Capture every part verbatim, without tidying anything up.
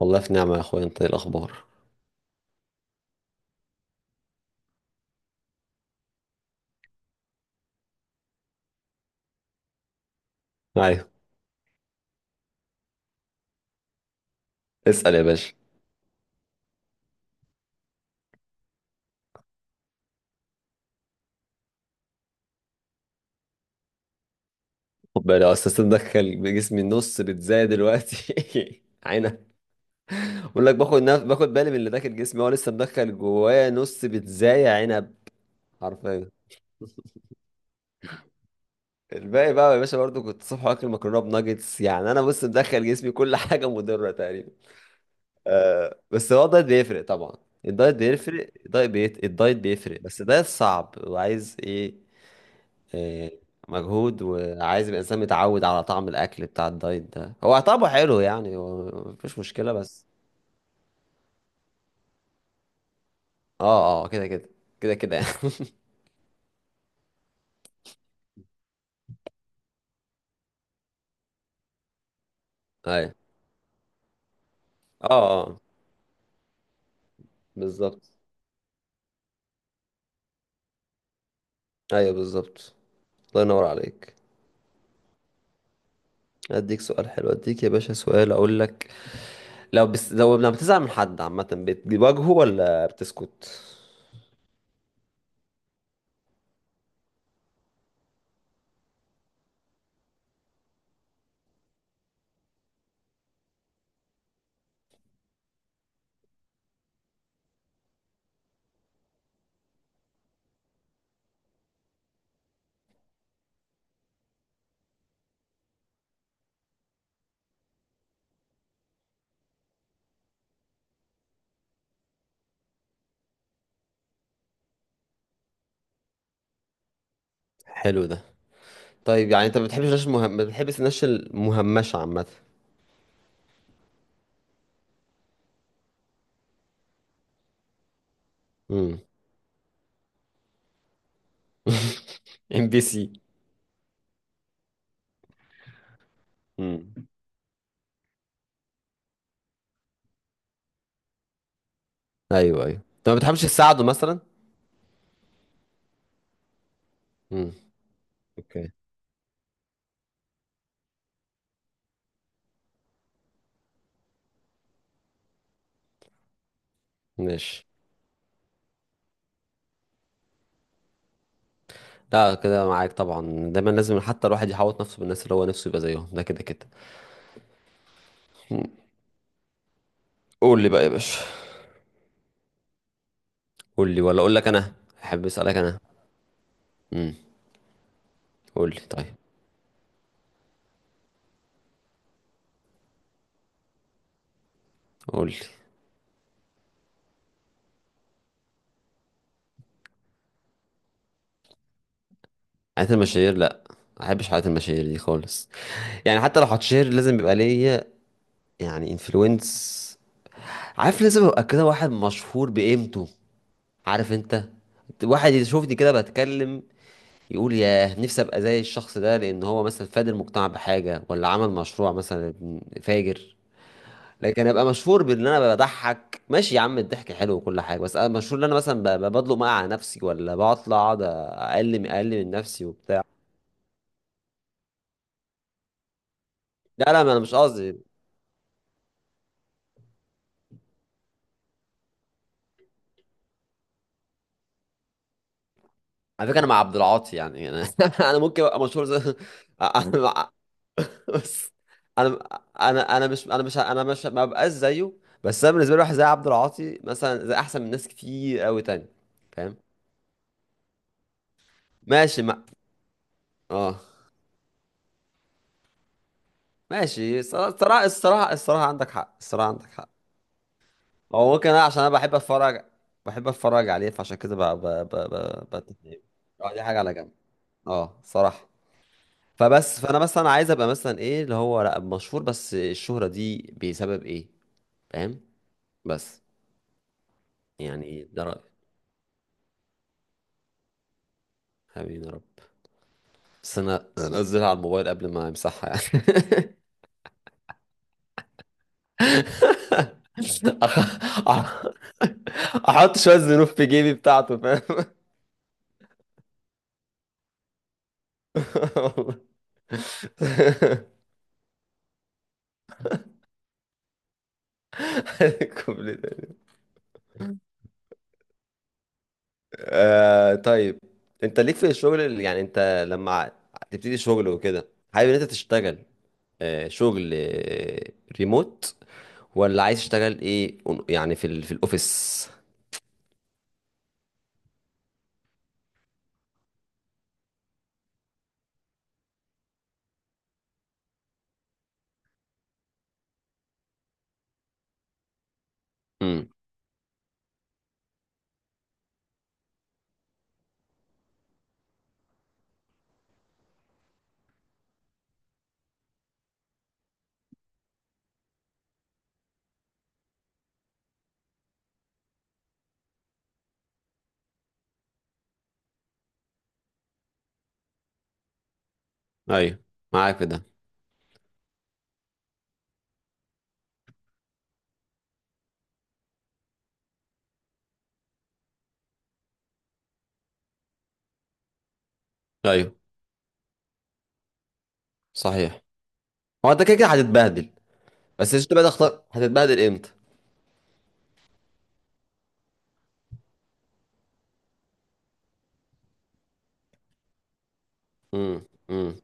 والله في نعمة يا اخويا. انت إيه الاخبار؟ ايوه، اسأل يا باشا. خد بالك، لو اساسا دخل جسمي النص بتزايد دلوقتي. عينب. بقول لك باخد نف... باخد بالي من اللي داخل جسمي، هو لسه مدخل جوايا نص بتزايد عنب، حرفيا. الباقي بقى يا باشا برضو، كنت صبح واكل مكرونه بناجتس، يعني انا بص مدخل جسمي كل حاجه مضره تقريبا. آه بس هو الدايت بيفرق طبعا. الدايت بيفرق، الدايت بيت... الدايت بيفرق، بس ده صعب وعايز ايه؟ إيه، مجهود. وعايز يبقى الانسان متعود على طعم الاكل بتاع الدايت، ده هو طعمه حلو يعني، هو مفيش مشكله بس. اه اه، كده كده. كده كده يعني ايوه، اه اه، بالظبط. ايوه بالظبط، الله ينور عليك. اديك سؤال حلو، اديك يا باشا سؤال، اقول لك. لو بس لو لما بتزعل من حد عامه، بتواجهه ولا بتسكت؟ حلو ده. طيب يعني انت ما بتحبش الناس المهم، ما بتحبش الناس المهمشه عامه؟ امم. ام بي سي. امم. ايوه ايوه، انت ما بتحبش تساعده مثلا؟ امم. اوكي. ماشي. لا كده معاك طبعا. دايما لازم حتى الواحد يحوط نفسه بالناس اللي هو نفسه يبقى زيهم، ده كده كده. مم. قول لي بقى يا باشا. قول لي ولا اقول لك انا؟ احب اسالك انا. امم. قول لي طيب. قول لي. حياة المشاهير، لا. ما احبش حياة المشاهير دي خالص. يعني حتى لو هتشير، لازم يبقى ليا يعني انفلونس، عارف؟ لازم ابقى كده واحد مشهور بقيمته، عارف انت؟ واحد يشوفني كده بتكلم، يقول ياه نفسي ابقى زي الشخص ده، لان هو مثلا فاد المجتمع بحاجه ولا عمل مشروع مثلا فاجر. لكن ابقى مشهور بان انا بضحك، ماشي يا عم الضحك حلو وكل حاجه، بس انا مشهور ان انا مثلا ب- ب- بضلق مقع على نفسي، ولا بطلع اقعد اقلم اقلم من نفسي وبتاع. لا لا، ما انا مش قصدي. على فكره انا مع عبد العاطي يعني، انا انا ممكن ابقى مشهور زي أنا مع- بس انا، انا انا مش انا مش انا مش ما ببقاش زيه، بس انا بالنسبه لي واحد زي عبد العاطي مثلا زي احسن من ناس كتير قوي تاني. فاهم. ماشي ما اه ماشي. الصرا- الصراحة الصراحة الصراحة عندك حق، الصراحة عندك حق. هو ممكن انا عشان انا بحب اتفرج، بحب اتفرج عليه، فعشان كده ب... ب... ب... ب... ب... اه دي حاجة على جنب، اه صراحة. فبس فانا مثلا عايز ابقى مثلا ايه، اللي هو لا مشهور بس الشهرة دي بسبب ايه، فاهم؟ بس يعني إيه؟ ده رأيي. حبيبي يا رب. بس انا انا انزلها على الموبايل قبل ما امسحها يعني. أح- أح- احط شوية زنوف في جيبي بتاعته. فاهم الكوبليه ده. آه طيب. انت ليك في الشغل اللي- يعني انت لما ع- تبتدي شغل وكده، حابب ان انت تشتغل آه شغل آه ريموت، ولا عايز تشتغل ايه اون- يعني في ال... في الاوفيس؟ امم. ايوه، معاك في ده. ايوه، صحيح. هو انت كده كده هتتبهدل، بس انت بقى تختار هتتبهدل امتى. امم. امم.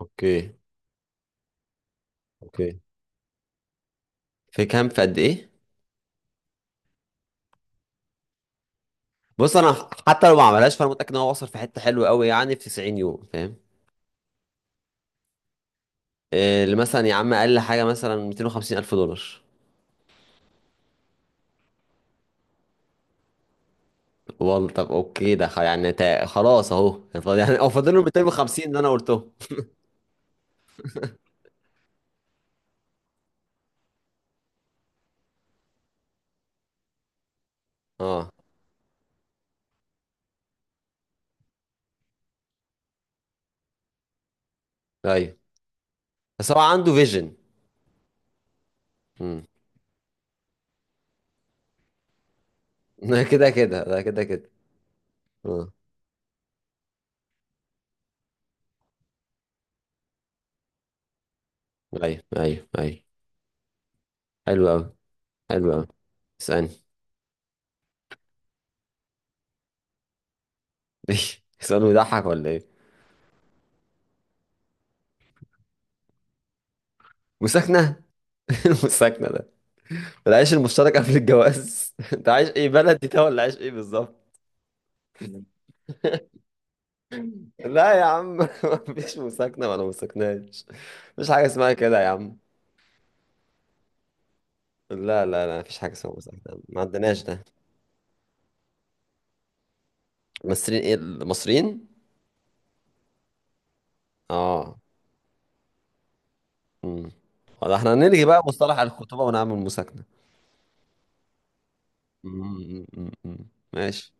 اوكي. اوكي. في كام، في قد ايه؟ بص انا حتى لو ما عملهاش، فانا متاكد ان هو وصل في حته حلوه قوي يعني في تسعين يوم، فاهم؟ آه، اللي مثلا يا عم اقل حاجه مثلا مئتين وخمسين الف دولار. والله طب اوكي، ده خ- يعني تا- خلاص اهو. يعني فاضل- يعني- او فاضل له مئتين وخمسين اللي انا قلته. اه ايوه. بس هو عنده فيجن. امم. ده كده كده، ده كده كده. اه ايوه ايوه ايوه. حلو قوي. حلو قوي. اسالني. سؤال بيضحك ولا ايه؟ مساكنه؟ المساكنه ده؟ العيش المشترك قبل الجواز؟ انت عايش ايه بلدي ده، ولا عايش ايه بالظبط؟ لا يا عم مفيش مساكنة ولا مساكناش. مفيش حاجة اسمها كده يا عم. لا لا لا، مفيش حاجة اسمها مساكنة، ما عندناش ده. المصريين؟ ايه، المصريين؟ اه. امم. ولا احنا هنلغي بقى مصطلح الخطوبة ونعمل مساكنة؟ مم، مم، مم. ماشي.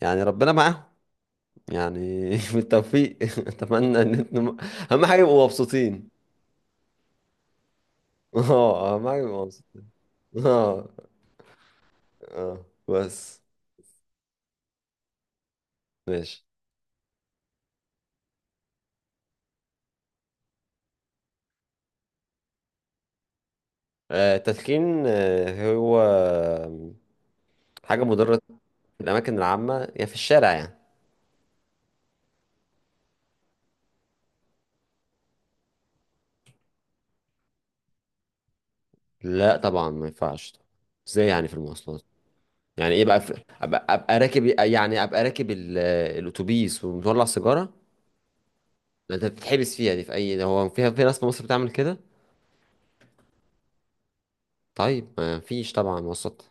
يعني ربنا معاهم. يعني بالتوفيق اتمنى ان انتم اهم حاجة يبقوا مبسوطين. اه، اهم حاجة يبقوا مبسوطين. اه. اه بس. ماشي. آه، التدخين، آه، هو حاجة مضرة. في الأماكن العامة يا في الشارع يعني؟ لا طبعا، ما ينفعش. ازاي يعني في المواصلات؟ يعني ايه بقى في... أبقى, أبقى راكب، يعني أبقى راكب ال... الأتوبيس ومطلع سيجارة؟ ده أنت بتتحبس فيها دي. في أي، ده هو فيها في ناس في مصر بتعمل كده؟ طيب ما فيش طبعا مواصلات.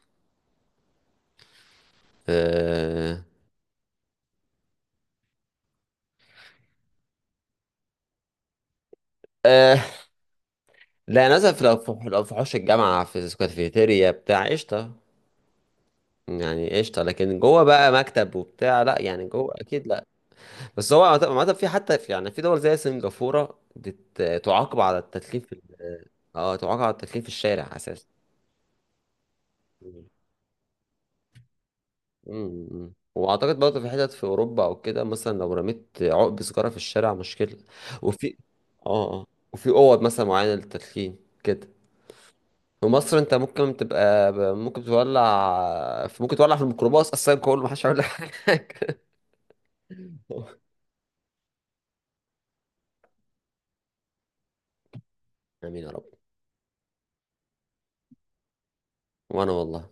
أه... أه... لا للأسف، لو في لو في حوش الجامعة في الكافيتيريا بتاع، قشطة. يعني قشطة، لكن جوه بقى مكتب وبتاع، لا يعني جوه أكيد لا. بس هو عامة، عامة في حتى في، يعني في دول زي سنغافورة بتعاقب على التدخين في. اه تعاقب على التدخين في الشارع اساسا. مم. مم. واعتقد برضه في حتت في اوروبا او كده، مثلا لو رميت عقب سيجاره في الشارع مشكله. وفي، اه اه، وفي اوض مثلا معينه للتدخين كده. في مصر انت ممكن تبقى، ممكن تولع في، ممكن تولع في الميكروباص اصلا كله، محدش هيقول لك حاجه. امين يا رب. وانا والله.